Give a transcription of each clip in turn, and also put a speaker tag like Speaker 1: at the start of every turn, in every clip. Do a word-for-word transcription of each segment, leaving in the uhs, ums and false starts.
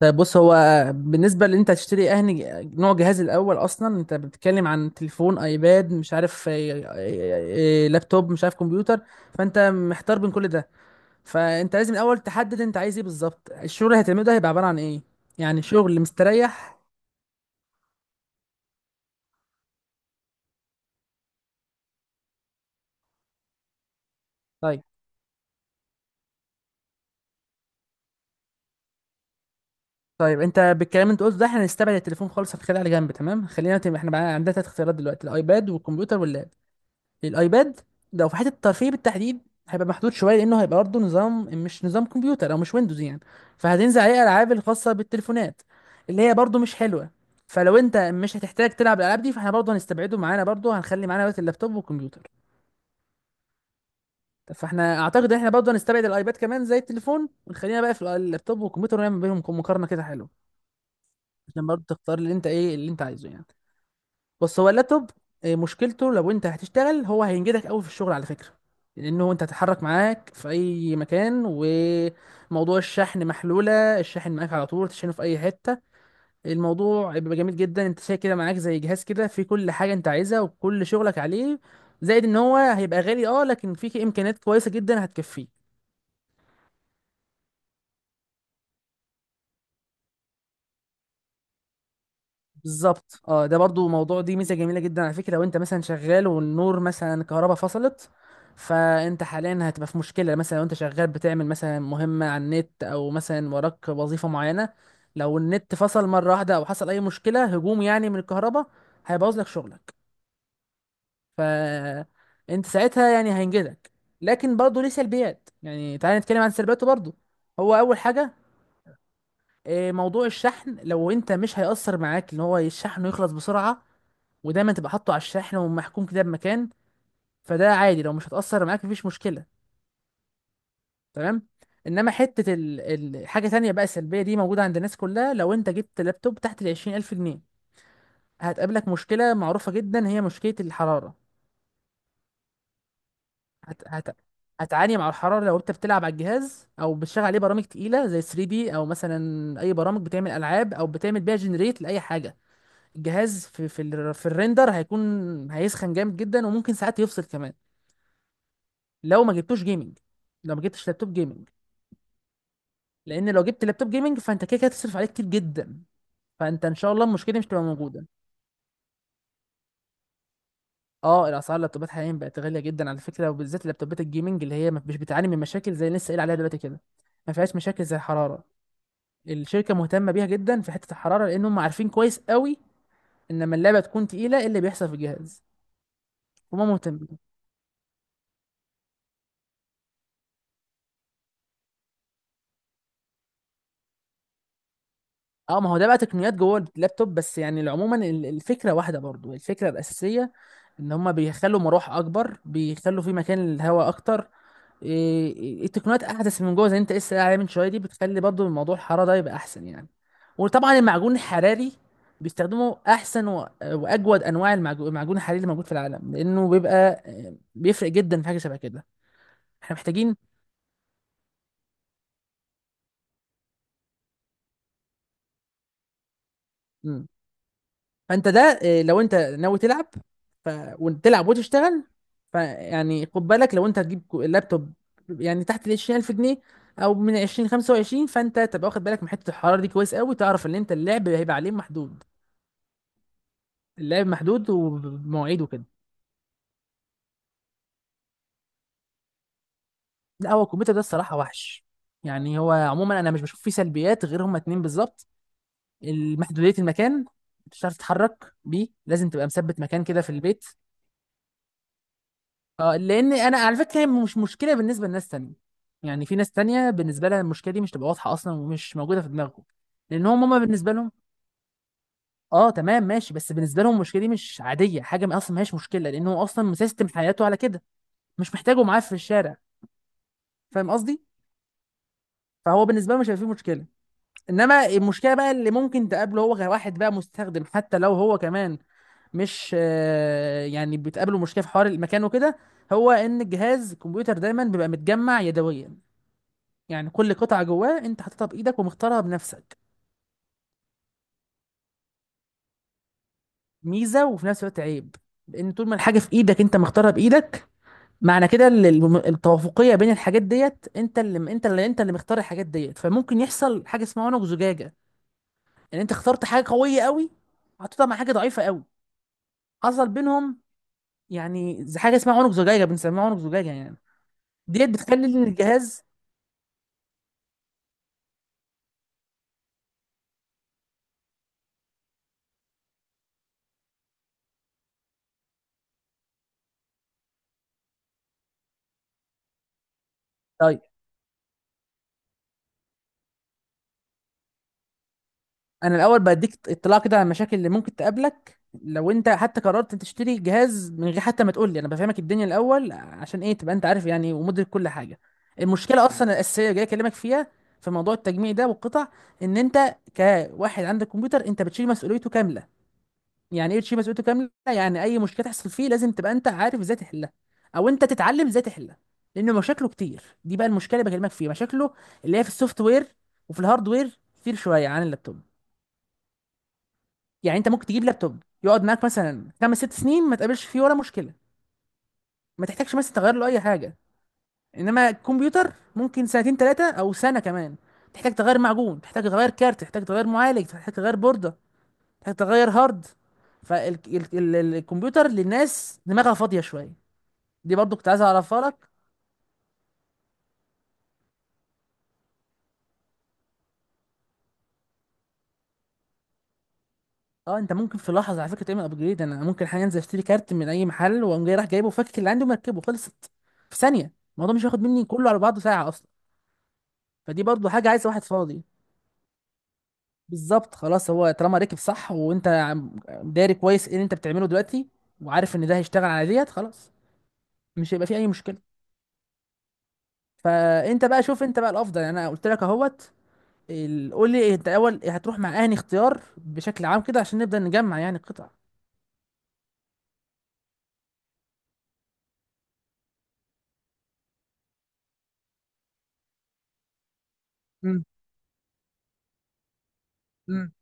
Speaker 1: طيب، بص. هو بالنسبة اللي انت هتشتري اهني، نوع جهاز الاول اصلا. انت بتتكلم عن تليفون، ايباد، مش عارف اي- اي- اي- لابتوب، مش عارف كمبيوتر. فانت محتار بين كل ده، فانت لازم الاول تحدد انت عايز ايه بالظبط. الشغل اللي هتعمله ده هيبقى عبارة عن ايه؟ يعني شغل مستريح. طيب طيب، انت بالكلام اللي انت قلته ده، احنا هنستبعد التليفون خالص، هنخليه على جنب. تمام، خلينا احنا بقى عندنا تلات اختيارات دلوقتي: الايباد والكمبيوتر واللاب. الايباد لو في حته الترفيه بالتحديد، هيبقى محدود شويه، لانه هيبقى برضه نظام مش نظام كمبيوتر، او مش ويندوز يعني. فهتنزل عليه الالعاب الخاصه بالتليفونات، اللي هي برضه مش حلوه. فلو انت مش هتحتاج تلعب الالعاب دي، فاحنا برضه هنستبعده. معانا برضه هنخلي معانا بس اللابتوب والكمبيوتر. طب فاحنا اعتقد ان احنا برضه هنستبعد الايباد كمان زي التليفون، ونخلينا بقى في اللابتوب والكمبيوتر، ونعمل بينهم مقارنه كده حلوه، عشان برضه تختار اللي انت، ايه اللي انت عايزه يعني. بص، هو اللابتوب، آه، مشكلته لو انت هتشتغل، هو هينجدك قوي في الشغل على فكرة، لانه انت هتتحرك معاك في اي مكان، وموضوع الشحن محلولة. الشاحن معاك على طول، تشحنه في اي حتة. الموضوع بيبقى جميل جدا، انت شايل كده معاك زي جهاز كده فيه كل حاجة انت عايزها وكل شغلك عليه. زائد ان هو هيبقى غالي، اه، لكن فيه امكانيات كويسة جدا هتكفيه. بالظبط، اه. ده برضو موضوع، دي ميزه جميله جدا على فكره. لو انت مثلا شغال، والنور، مثلا كهرباء فصلت، فانت حاليا هتبقى في مشكله. مثلا لو انت شغال بتعمل مثلا مهمه على النت، او مثلا وراك وظيفه معينه، لو النت فصل مره واحده، او حصل اي مشكله، هجوم يعني من الكهرباء، هيبوظ لك شغلك. فانت ساعتها يعني هينجزك. لكن برضو ليه سلبيات. يعني تعالى نتكلم عن سلبياته برضو. هو اول حاجه، آه، موضوع الشحن. لو انت مش هيأثر معاك ان هو الشحن يخلص بسرعة، ودايما تبقى حاطه على الشحن ومحكوم كده بمكان، فده عادي. لو مش هتأثر معاك، مفيش مشكلة. تمام. انما حتة ال... ال... حاجة تانية بقى سلبية، دي موجودة عند الناس كلها. لو انت جبت لابتوب تحت العشرين ألف جنيه، هتقابلك مشكلة معروفة جدا، هي مشكلة الحرارة. هت... هت... هتعاني مع الحرارة لو انت بتلعب على الجهاز، او بتشغل عليه برامج تقيلة زي 3 دي، او مثلا اي برامج بتعمل العاب، او بتعمل بيها جنريت لأي حاجة. الجهاز في في, ال... في الريندر هيكون، هيسخن جامد جدا، وممكن ساعات يفصل كمان. لو ما جبتوش جيمنج، لو ما جبتش لابتوب جيمنج. لان لو جبت لابتوب جيمنج، فانت كده كده هتصرف عليه كتير جدا، فانت ان شاء الله المشكله دي مش تبقى موجوده. اه، الاسعار، اللابتوبات حاليا بقت غاليه جدا على فكره، وبالذات اللابتوبات الجيمنج، اللي هي ما- مش بتعاني من مشاكل زي اللي لسه قايل عليها دلوقتي كده. ما فيهاش مشاكل زي الحراره. الشركه مهتمه بيها جدا في حته الحراره، لان هم عارفين كويس قوي ان لما اللعبه تكون تقيله، ايه اللي بيحصل في الجهاز. هم مهتمين. اه، ما هو ده بقى تقنيات جوه اللابتوب بس، يعني عموما ال- الفكره واحده، برضو الفكره الاساسيه ان هما بيخلوا مراوح اكبر، بيخلوا في مكان للهواء اكتر. إيه- إيه، التقنيات احدث من جوه زي انت لسه قايل عليه من شويه، دي بتخلي برضو الموضوع، الحراره ده يبقى احسن يعني. وطبعا المعجون الحراري، بيستخدموا احسن و- واجود انواع المعجو- المعجون الحراري اللي موجود في العالم، لانه بيبقى، آه، بيفرق جدا في حاجه شبه كده. احنا محتاجين، فانت ده إيه، لو انت ناوي تلعب، ف... وتلعب وتشتغل، فيعني خد بالك لو انت هتجيب كو- اللابتوب يعني تحت ال عشرين ألف جنيه، او من عشرين خمسة وعشرين، فانت تبقى واخد بالك من حته الحراره دي كويس قوي، تعرف ان انت اللعب هيبقى عليه محدود. اللعب محدود ومواعيد وكده. لا، هو الكمبيوتر ده الصراحه وحش، يعني هو عموما انا مش بشوف فيه سلبيات غير هما اتنين بالظبط: محدوديه المكان، مش هتعرف تتحرك بيه، لازم تبقى مثبت مكان كده في البيت. اه، لان انا على فكره، هي مش مشكله بالنسبه لناس تانية. يعني في ناس تانية بالنسبه لها المشكله دي مش تبقى واضحه اصلا، ومش موجوده في دماغهم، لان هم، هما بالنسبه لهم، اه تمام ماشي، بس بالنسبه لهم المشكله دي مش، عاديه حاجه، ما اصلا ما هيش مشكله، لان هو اصلا مسيستم حياته على كده. مش محتاجه معاه في الشارع. فاهم قصدي؟ فهو بالنسبه له مش هيبقى فيه مشكله. انما المشكله بقى اللي ممكن تقابله، هو كواحد بقى مستخدم حتى لو هو كمان مش آه، يعني بتقابله مشكله في حوار المكان وكده، هو ان الجهاز الكمبيوتر دايما بيبقى متجمع يدويا. يعني كل قطعة جواه انت حاططها بايدك ومختارها بنفسك. ميزة وفي نفس الوقت عيب. لان طول ما الحاجة في ايدك انت مختارها بايدك، معنى كده ال- الم- التوافقية بين الحاجات ديت، انت اللي انت اللي انت اللي مختار الحاجات ديت، فممكن يحصل حاجة اسمها عنق زجاجة. ان انت اخترت حاجة قوية قوي، حطيتها مع حاجة ضعيفة قوي، حصل بينهم، يعني زي حاجة اسمها عنق زجاجة، بنسميها عنق زجاجة يعني، ديت بتخلي الجهاز. طيب، انا الاول بديك اطلاع كده على المشاكل اللي ممكن تقابلك لو انت حتى قررت تشتري جهاز، من غير حتى ما تقول لي انا بفهمك الدنيا الاول، عشان ايه تبقى انت عارف يعني، ومدرك كل حاجه. المشكله اصلا الاساسيه جاي اكلمك فيها في موضوع التجميع ده والقطع. ان انت كواحد عندك كمبيوتر، انت بتشيل مسؤوليته كامله. يعني ايه تشيل مسؤوليته كامله؟ يعني اي مشكله تحصل فيه لازم تبقى انت عارف ازاي تحلها، او انت تتعلم ازاي تحلها. لان مشاكله كتير. دي بقى المشكله اللي بكلمك فيها، مشاكله اللي هي في السوفت وير وفي الهارد وير، كتير شويه عن اللابتوب. يعني انت ممكن تجيب لابتوب يقعد معاك مثلا خمس ست سنين ما تقابلش فيه ولا مشكله، ما تحتاجش مثلا تغير له اي حاجه. انما الكمبيوتر ممكن سنتين ثلاثه او سنه كمان، تحتاج تغير معجون، تحتاج تغير كارت، تحتاج تغير معالج، تحتاج تغير بورده، تحتاج تغير هارد. فالكمبيوتر للناس دماغها فاضيه شويه. دي برضو كنت عايز اعرفها لك. اه، انت ممكن في لحظه على فكره تعمل ابجريد. انا ممكن حاليا انزل اشتري كارت من اي محل، واقوم جاي رايح جايبه، وفكك اللي عندي ومركبه، خلصت في ثانيه. الموضوع مش هياخد مني كله على بعضه ساعه اصلا. فدي برضو حاجه عايزه واحد فاضي. بالظبط، خلاص، هو طالما ركب صح، وانت عم- داري كويس ايه اللي انت بتعمله دلوقتي، وعارف ان ده هيشتغل على ديت، خلاص، مش هيبقى فيه اي مشكله. فانت بقى شوف انت بقى الافضل يعني. انا قلت لك اهوت. ال- قول لي انت اول هتروح مع اهني اختيار بشكل عام كده، عشان نبدا نجمع يعني قطع. مم. مم.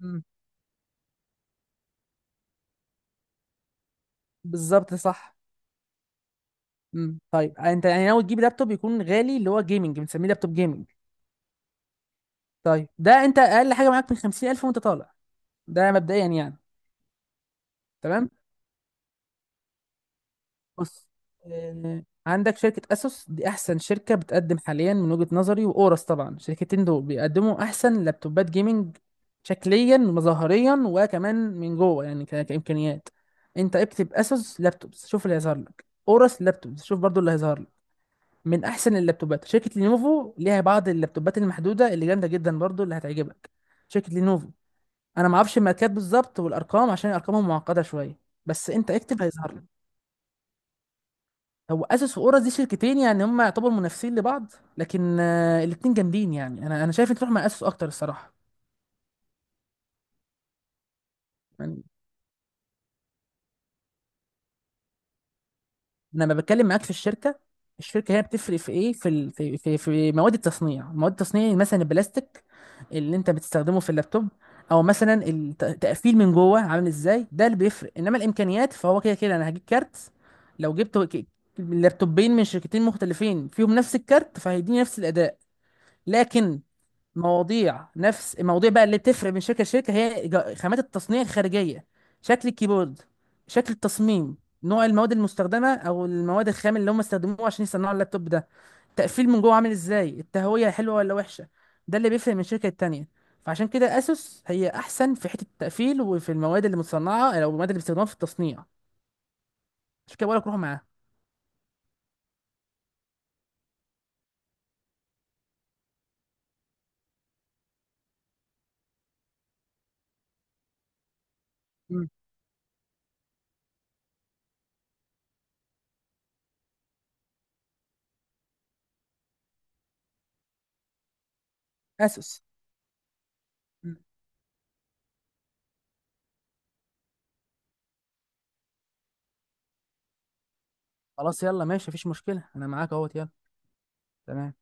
Speaker 1: مم. بالظبط، صح. امم، طيب انت يعني ناوي تجيب لابتوب يكون غالي اللي هو جيمنج، بنسميه لابتوب جيمنج. طيب ده انت اقل حاجه معاك من خمسين ألف وانت طالع. ده مبدئيا يعني. تمام. بص، آه، عندك شركة أسوس، دي أحسن شركة بتقدم حاليا من وجهة نظري، وأورس طبعا. الشركتين دول بيقدموا أحسن لابتوبات جيمنج، شكليا ومظاهريا، وكمان من جوه يعني ك- كإمكانيات. أنت اكتب أسوس لابتوبس، شوف اللي هيظهر لك، أورس لابتوبس، شوف برضو اللي هيظهر لك. من أحسن اللابتوبات شركة لينوفو، ليها بعض اللابتوبات المحدودة اللي جامدة جدا برضو اللي هتعجبك، شركة لينوفو. أنا معرفش الماركات بالظبط والأرقام، عشان أرقامهم معقدة شوية. بس أنت اكتب هيظهر. هو اسس واورا دي شركتين، يعني هم يعتبروا منافسين لبعض، لكن آه، الاتنين جامدين يعني. انا انا شايف انت تروح مع اسس اكتر الصراحه يعني. أنا لما بتكلم معاك في الشركه، الشركه هي بتفرق في ايه؟ في ال... في في في مواد التصنيع. مواد التصنيع مثلا البلاستيك اللي انت بتستخدمه في اللابتوب، او مثلا الت- التقفيل من جوه عامل ازاي، ده اللي بيفرق. انما الامكانيات فهو كده كده، انا هجيب كارت، لو جبت ك- لابتوبين من شركتين مختلفين، فيهم نفس الكارت، فهيديني نفس الاداء. لكن مواضيع، نفس المواضيع بقى اللي بتفرق من شركة لشركة، هي جا- خامات التصنيع الخارجية، شكل الكيبورد، شكل التصميم، نوع المواد المستخدمة، أو المواد الخام اللي هم استخدموها عشان يصنعوا اللابتوب ده، تقفيل من جوه عامل إزاي، التهوية حلوة ولا وحشة. ده اللي بيفرق من شركة التانية. فعشان كده أسوس هي أحسن في حتة التقفيل، وفي المواد اللي متصنعة، أو المواد اللي بيستخدموها في التصنيع. عشان كده بقولك روح معاها. مم. أسوس. مم. خلاص، يلا ماشي، مفيش مشكلة. أنا معاك أهوت، يلا. تمام.